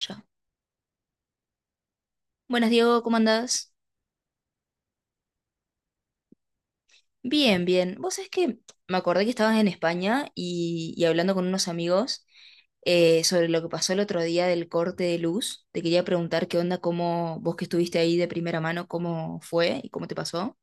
Ya. Buenas, Diego, ¿cómo andás? Bien, bien. Vos sabés que me acordé que estabas en España y hablando con unos amigos sobre lo que pasó el otro día del corte de luz. Te quería preguntar qué onda, cómo vos que estuviste ahí de primera mano, cómo fue y cómo te pasó.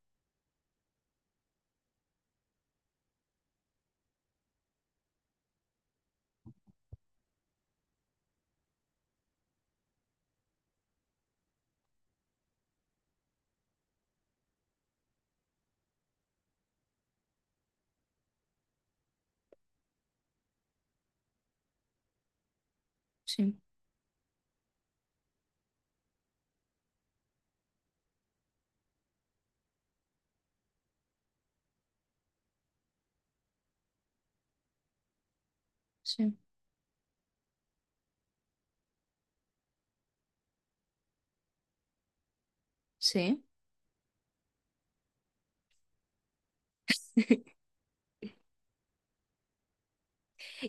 Sí, sí, sí.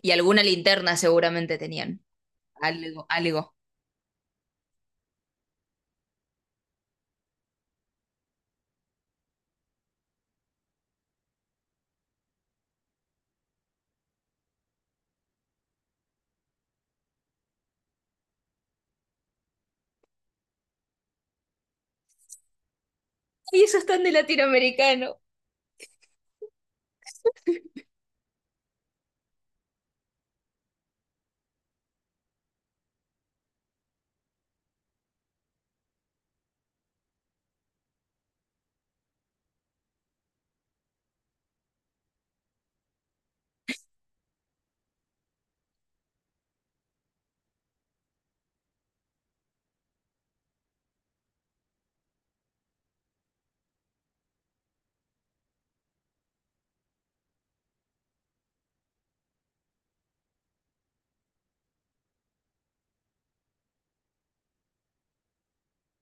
Y alguna linterna seguramente tenían. Algo, algo. Y eso es tan de latinoamericano.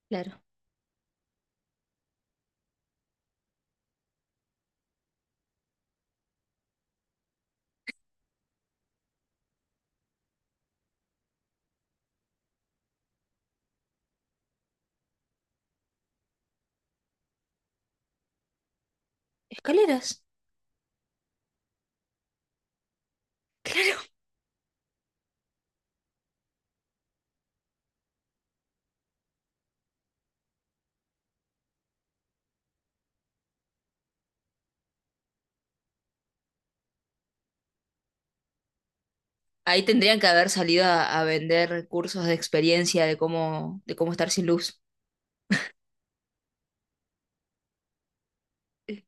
Claro. Escaleras. Claro. Ahí tendrían que haber salido a vender cursos de experiencia de cómo estar sin luz. Eh,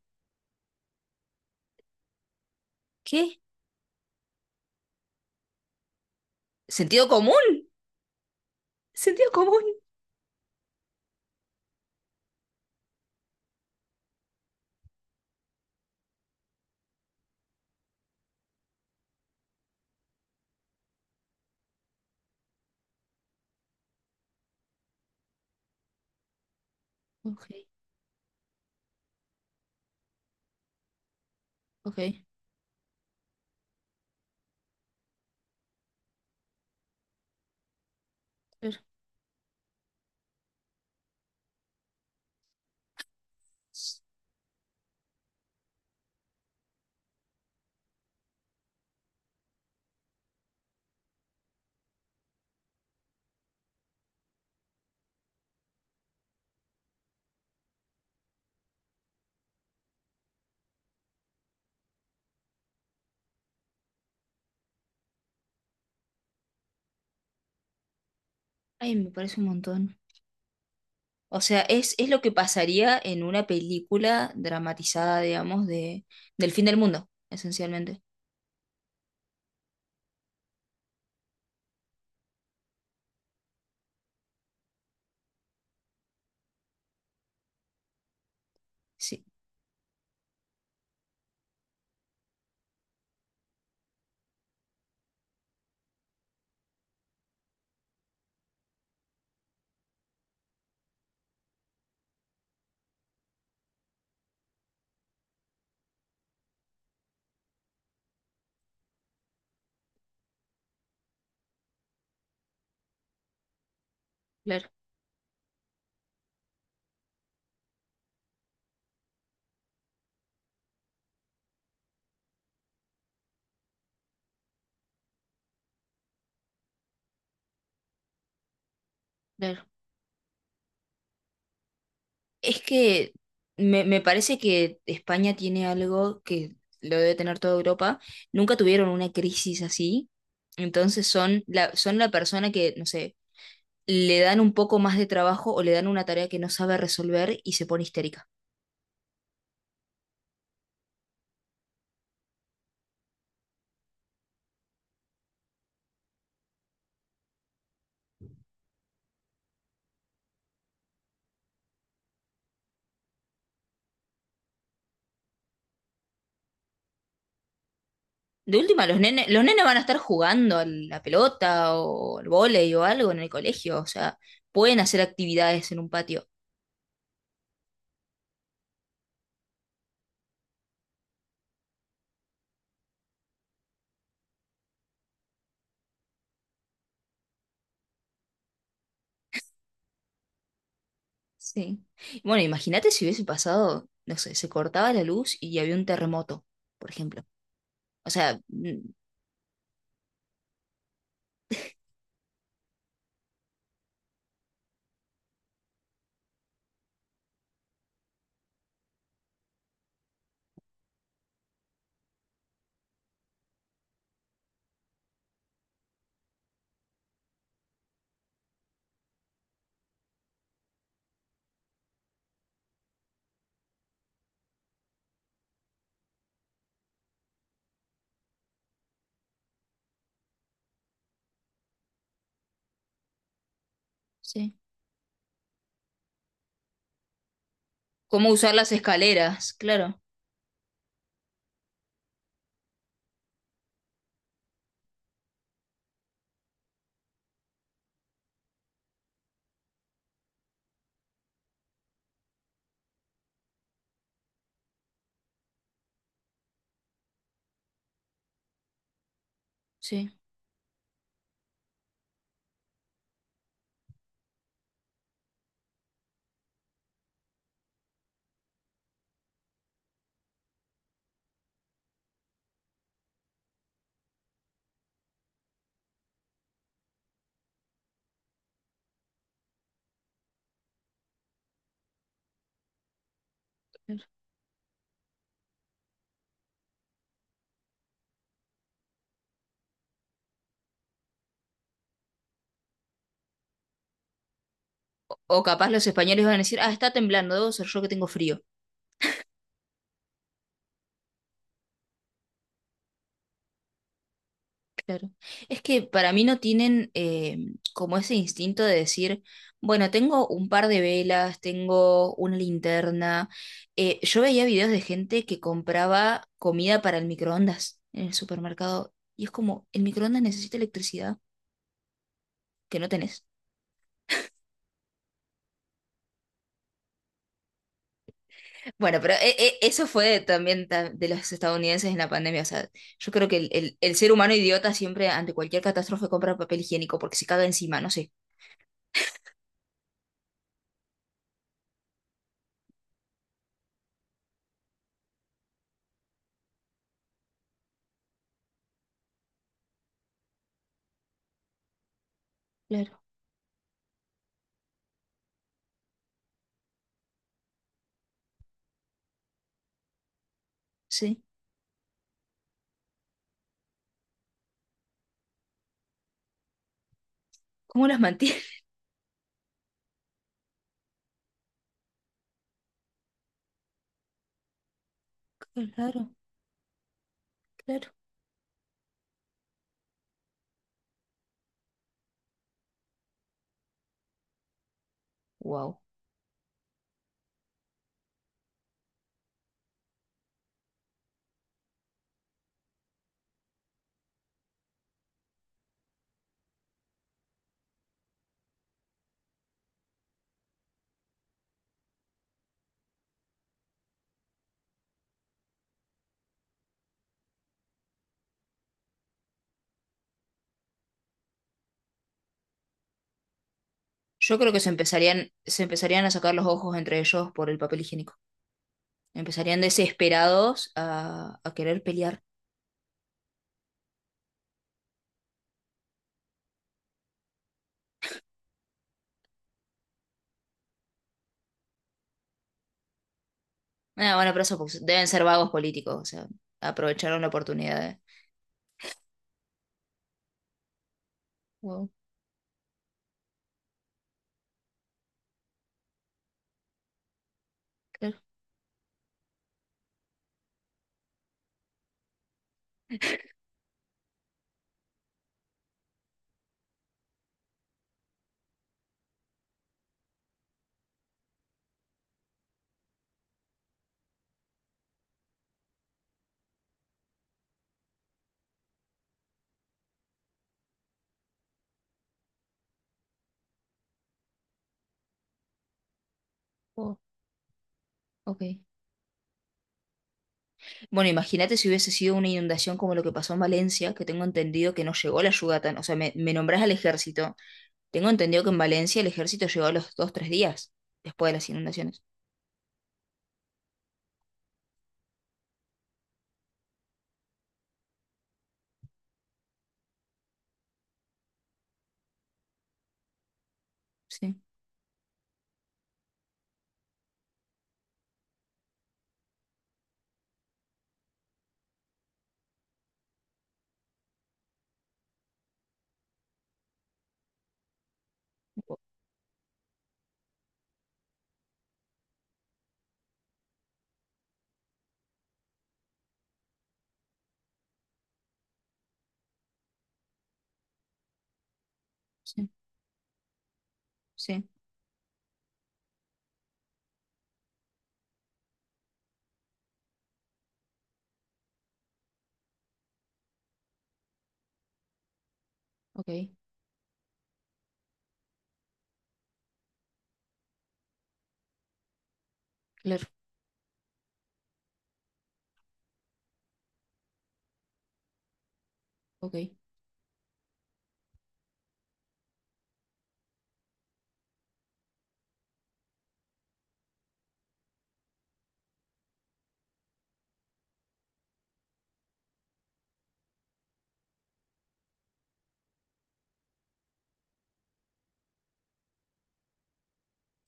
¿Qué? ¿Sentido común? ¿Sentido común? Ok, ok. Pero, ay, me parece un montón. O sea, es lo que pasaría en una película dramatizada, digamos, de, del fin del mundo, esencialmente. Sí, claro, claro. Es que me parece que España tiene algo que lo debe tener toda Europa. Nunca tuvieron una crisis así. Entonces son la persona que, no sé, le dan un poco más de trabajo o le dan una tarea que no sabe resolver y se pone histérica. De última, los nenes van a estar jugando a la pelota o al vóley o algo en el colegio. O sea, pueden hacer actividades en un patio. Sí. Bueno, imagínate si hubiese pasado, no sé, se cortaba la luz y había un terremoto, por ejemplo. O sea, sí. ¿Cómo usar las escaleras? Claro, sí. Claro. O capaz los españoles van a decir, ah, está temblando, debo ser yo que tengo frío. Claro. Es que para mí no tienen como ese instinto de decir, bueno, tengo un par de velas, tengo una linterna. Yo veía videos de gente que compraba comida para el microondas en el supermercado y es como, el microondas necesita electricidad que no tenés. Bueno, pero eso fue también de los estadounidenses en la pandemia. O sea, yo creo que el ser humano idiota siempre ante cualquier catástrofe compra papel higiénico porque se caga encima, no sé. Claro, sí. ¿Cómo las mantiene? Claro, claro. Wow. Yo creo que se empezarían a sacar los ojos entre ellos por el papel higiénico. Empezarían desesperados a querer pelear. Ah, bueno, pero eso porque deben ser vagos políticos. O sea, aprovecharon la oportunidad de- Wow, claro. Wow, ok. Bueno, imagínate si hubiese sido una inundación como lo que pasó en Valencia, que tengo entendido que no llegó la ayuda tan, o sea, me nombrás al ejército. Tengo entendido que en Valencia el ejército llegó a los dos, tres días después de las inundaciones. Sí, o- sí, sí, ok, claro, ok,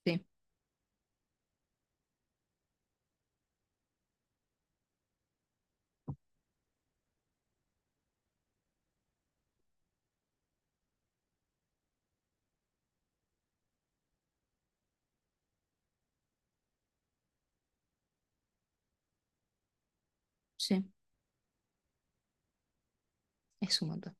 sí, sí, es un montón.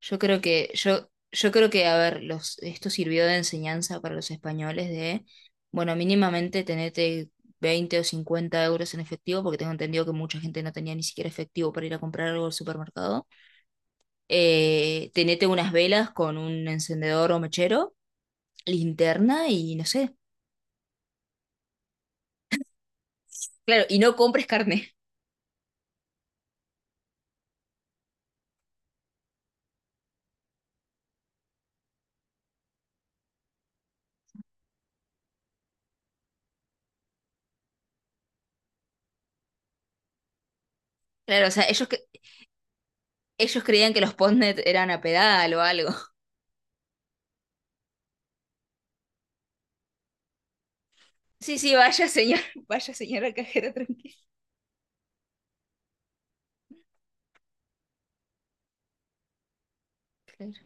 Yo creo que, a ver, esto sirvió de enseñanza para los españoles de, bueno, mínimamente tenete 20 o 50 euros en efectivo, porque tengo entendido que mucha gente no tenía ni siquiera efectivo para ir a comprar algo al supermercado. Tenete unas velas con un encendedor o mechero, linterna y no sé. Claro, y no compres carne. Claro, o sea, ellos, que- ellos creían que los postnet eran a pedal o algo. Sí, sí, vaya señor, vaya señora cajera tranquila. Claro,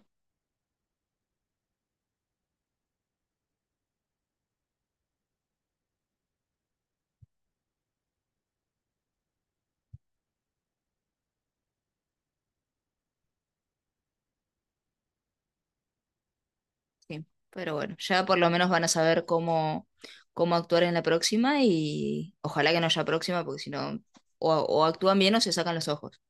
sí. Pero bueno, ya por lo menos van a saber cómo, cómo actuar en la próxima y ojalá que no haya próxima, porque si no, o actúan bien o se sacan los ojos.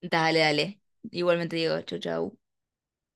Dale, dale. Igualmente digo, chau, chau.